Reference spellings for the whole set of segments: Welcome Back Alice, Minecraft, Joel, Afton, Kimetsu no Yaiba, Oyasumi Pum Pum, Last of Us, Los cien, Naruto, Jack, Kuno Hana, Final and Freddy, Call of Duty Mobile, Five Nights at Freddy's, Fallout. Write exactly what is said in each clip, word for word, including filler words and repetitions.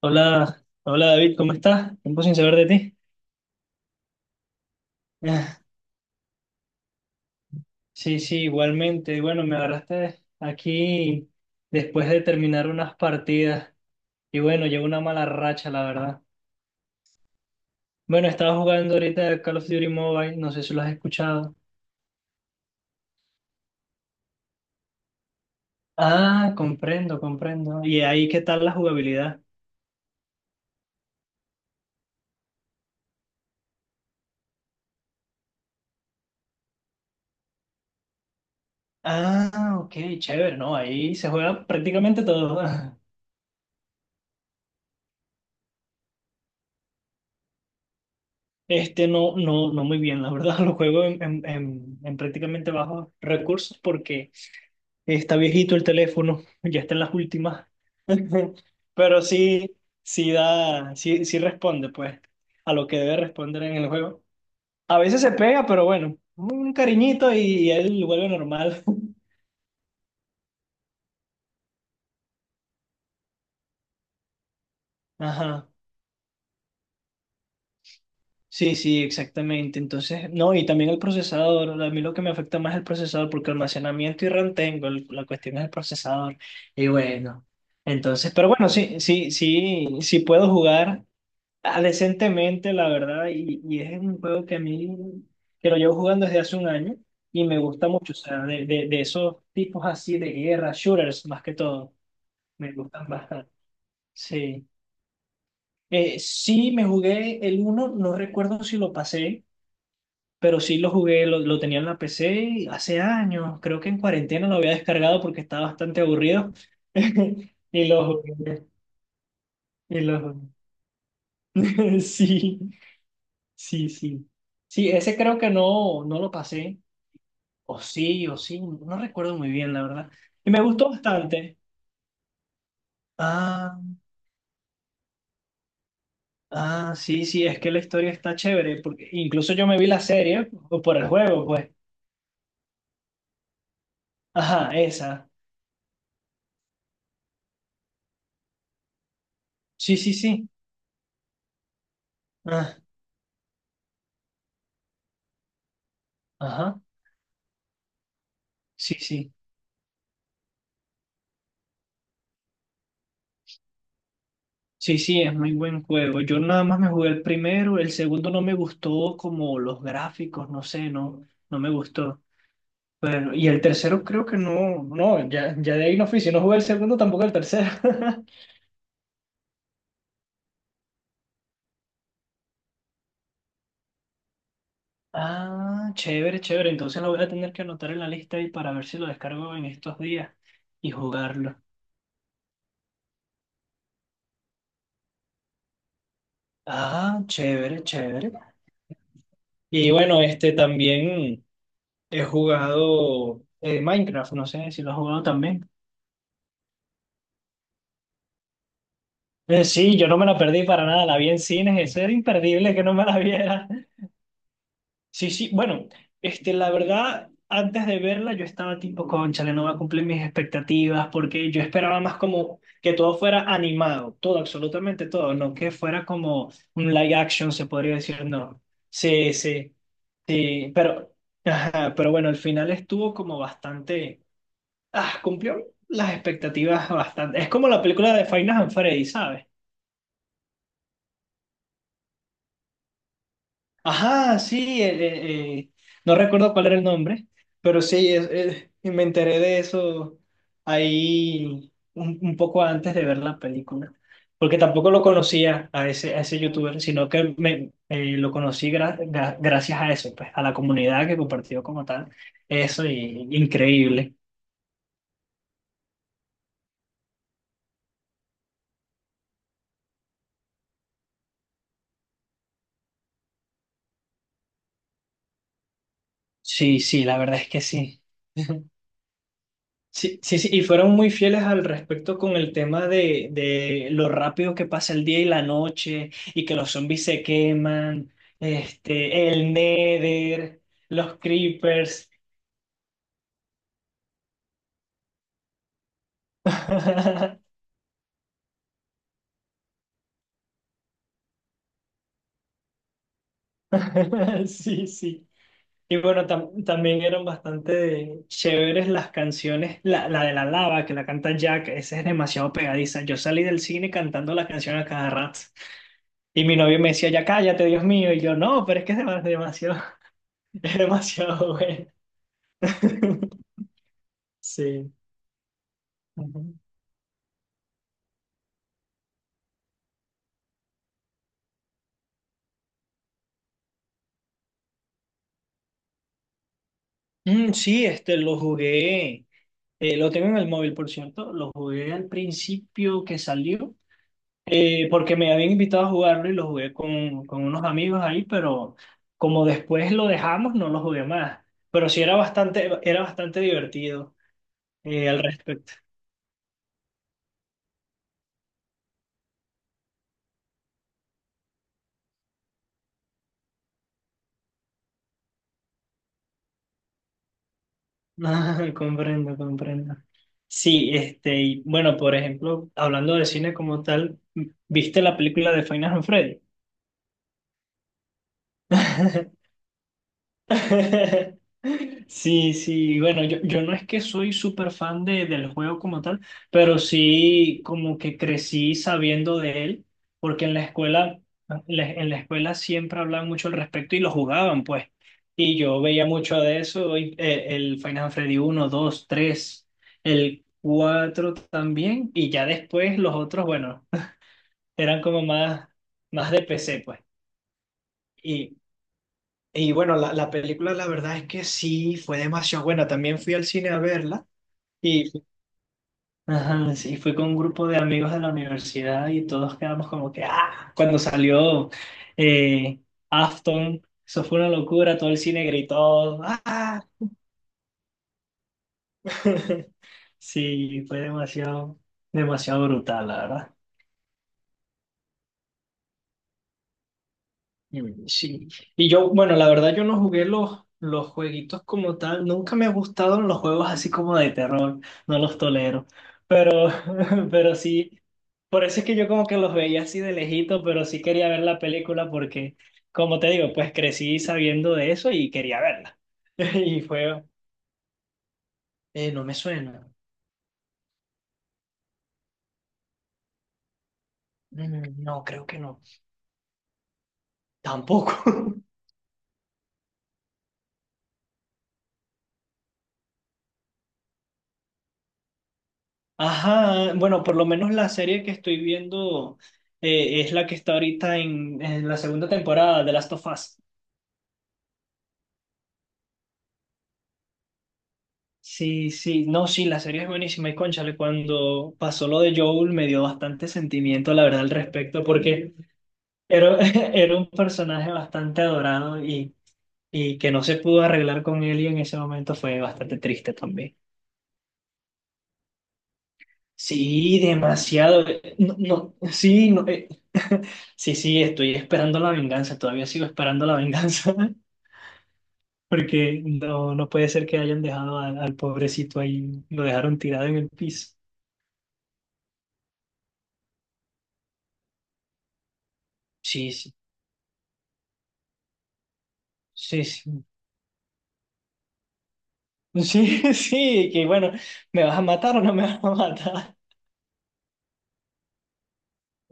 Hola, hola David, ¿cómo estás? Tiempo sin saber de ti. Ah, Sí, sí, igualmente. Y Bueno, me agarraste aquí después de terminar unas partidas y bueno, llevo una mala racha, la verdad. Bueno, estaba jugando ahorita Call of Duty Mobile, no sé si lo has escuchado. Ah, comprendo, comprendo. ¿Y ahí qué tal la jugabilidad? Ah, ok, chévere, ¿no? Ahí se juega prácticamente todo. Este no, no, no muy bien, la verdad, lo juego en, en, en, en prácticamente bajos recursos porque está viejito el teléfono, ya está en las últimas. Pero sí, sí da, sí, sí responde, pues, a lo que debe responder en el juego. A veces se pega, pero bueno, un cariñito y, y él vuelve normal. Ajá. Sí, sí, exactamente. Entonces, no, y también el procesador. A mí lo que me afecta más es el procesador, porque almacenamiento y RAM tengo, el- la cuestión es el procesador. Y bueno, entonces, pero bueno, sí, sí, sí, sí puedo jugar. Ah, decentemente, la verdad, y, y es un juego que a mí, que lo llevo jugando desde hace un año y me gusta mucho, o sea, de, de, de esos tipos así de guerra, shooters más que todo, me gustan bastante. Sí. Eh, sí, me jugué el uno, no recuerdo si lo pasé, pero sí lo jugué, lo, lo tenía en la P C hace años, creo que en cuarentena lo había descargado porque estaba bastante aburrido y lo jugué, y lo jugué. Sí. Sí, sí. Sí, ese creo que no, no lo pasé. O sí, o sí, no recuerdo muy bien, la verdad. Y me gustó bastante. Ah, ah, sí, sí, es que la historia está chévere, porque incluso yo me vi la serie o por el juego, pues. Ajá, esa. Sí, sí, sí. Ah, ajá, sí, sí. Sí, sí, es muy buen juego. Yo nada más me jugué el primero, el segundo no me gustó como los gráficos, no sé, no, no me gustó. Bueno, y el tercero creo que no, no, ya, ya de ahí no fui, si no jugué el segundo, tampoco el tercero. Ah, chévere, chévere, entonces lo voy a tener que anotar en la lista y para ver si lo descargo en estos días y jugarlo. Ah, chévere, chévere. Y bueno, este también he jugado eh, Minecraft, no sé si lo has jugado también. Eh, sí, yo no me la perdí para nada, la vi en cines, eso era imperdible que no me la viera. Sí, sí, bueno, este, la verdad, antes de verla yo estaba tipo, cónchale, no va a cumplir mis expectativas, porque yo esperaba más como que todo fuera animado, todo, absolutamente todo, no que fuera como un live action, se podría decir, no. Sí, sí, sí, pero, ajá, pero bueno, al final estuvo como bastante, ah, cumplió las expectativas bastante. Es como la película de Five Nights at Freddy's, ¿sabes? Ajá, sí, eh, eh, eh, no recuerdo cuál era el nombre, pero sí, es- eh, y me enteré de eso ahí un, un poco antes de ver la película, porque tampoco lo conocía a ese, a ese youtuber, sino que me, eh, lo conocí gra- gra- gracias a eso, pues, a la comunidad que compartió como tal, eso, y increíble. Sí, sí, la verdad es que sí. Sí, sí, sí, y fueron muy fieles al respecto con el tema de, de lo rápido que pasa el día y la noche, y que los zombies se queman, este, el Nether, los creepers. Sí, sí. Y bueno, tam- también eran bastante chéveres las canciones. La, la de la lava que la canta Jack, esa es demasiado pegadiza. Yo salí del cine cantando la canción a cada rato. Y mi novio me decía, ya cállate, Dios mío. Y yo, no, pero es que es dem- demasiado. Es demasiado bueno. Sí. Ujú. Mm, sí, este lo jugué. Eh, lo tengo en el móvil, por cierto. Lo jugué al principio que salió, eh, porque me habían invitado a jugarlo y lo jugué con, con unos amigos ahí, pero como después lo dejamos, no lo jugué más. Pero sí era bastante, era bastante divertido eh, al respecto. Ah, comprendo, comprendo. Sí, este, y bueno, por ejemplo, hablando de cine como tal, ¿viste la película de Final and Freddy? Sí, sí, bueno, yo, yo no es que soy súper fan de, del juego como tal, pero sí como que crecí sabiendo de él, porque en la escuela, en la en la escuela siempre hablaban mucho al respecto y lo jugaban, pues. Y yo veía mucho de eso, y, eh, el Final Freddy uno, dos, tres, el cuatro también, y ya después los otros, bueno, eran como más, más de P C, pues. Y bueno, la, la película la verdad es que sí, fue demasiado buena. También fui al cine a verla y ajá, sí, fui con un grupo de amigos de la universidad y todos quedamos como que, ah, cuando salió eh, Afton, eso fue una locura, todo el cine gritó, ah, sí, fue demasiado, demasiado brutal, la verdad. Mm, sí, y yo, bueno, la verdad yo no jugué los, los jueguitos como tal, nunca me gustaron los juegos así como de terror, no los tolero, pero, pero sí, por eso es que yo como que los veía así de lejito, pero sí quería ver la película porque, como te digo, pues crecí sabiendo de eso y quería verla. Y fue, eh, no me suena. Mm, no, creo que no, tampoco. Ajá, bueno, por lo menos la serie que estoy viendo eh, es la que está ahorita en, en la segunda temporada de Last of Us. Sí, sí, no, sí, la serie es buenísima y cónchale, cuando pasó lo de Joel me dio bastante sentimiento, la verdad, al respecto, porque era, era un personaje bastante adorado y, y que no se pudo arreglar con él y en ese momento fue bastante triste también. Sí, demasiado. eh, No, no, sí, no, eh, sí, sí, estoy esperando la venganza, todavía sigo esperando la venganza, porque no, no puede ser que hayan dejado al, al pobrecito ahí, lo dejaron tirado en el piso. Sí, sí, sí, sí, sí, sí, que bueno, ¿me vas a matar o no me vas a matar?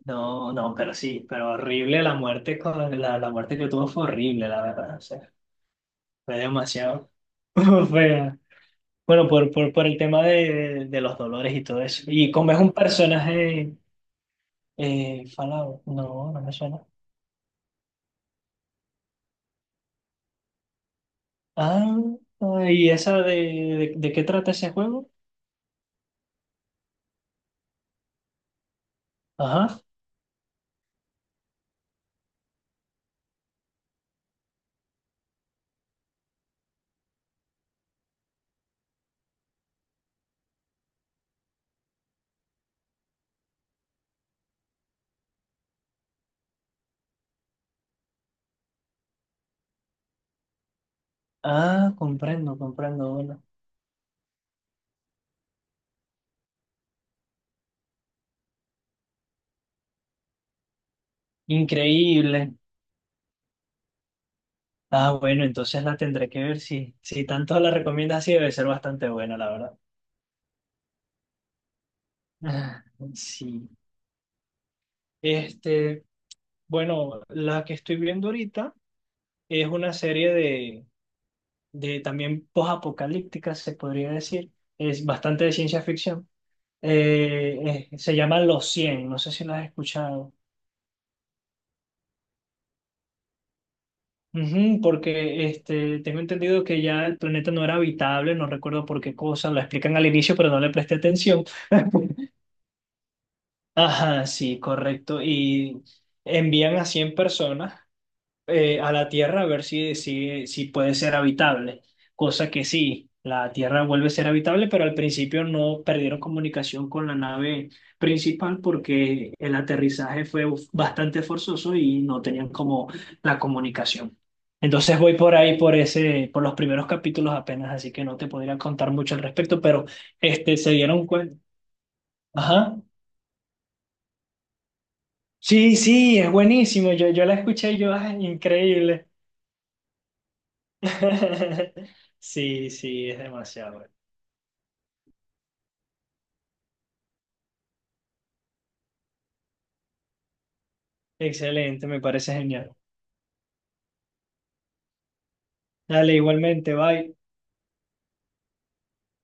No, no, pero sí, pero horrible la muerte, con la, la muerte que tuvo fue horrible, la verdad, o sea, fue demasiado fea. Bueno, por, por, por el tema de, de los dolores y todo eso. Y como es un personaje eh, Fallout, no, no me suena. Ah, ¿y esa de, de, de qué trata ese juego? Ajá. Ah, comprendo, comprendo. Bueno, increíble. Ah, bueno, entonces la tendré que ver si, si tanto la recomiendas así, debe ser bastante buena, la verdad. Ah, Sí. Este, bueno, la que estoy viendo ahorita es una serie de, de también posapocalípticas, se podría decir. Es bastante de ciencia ficción. Eh, eh, se llama Los cien, no sé si lo has escuchado. Ujú, porque este, tengo entendido que ya el planeta no era habitable, no recuerdo por qué cosa, lo explican al inicio, pero no le presté atención. Ajá, sí, correcto. Y envían a cien personas eh, a la Tierra a ver si, si, si puede ser habitable. Cosa que sí, la Tierra vuelve a ser habitable, pero al principio no perdieron comunicación con la nave principal porque el aterrizaje fue bastante forzoso y no tenían como la comunicación. Entonces voy por ahí, por ese, por los primeros capítulos apenas, así que no te podría contar mucho al respecto, pero este, se dieron cuenta. Ajá. Sí, sí, es buenísimo. Yo, yo la escuché y yo, ay, increíble. Sí, sí, es demasiado. Excelente, me parece genial. Dale, igualmente, bye.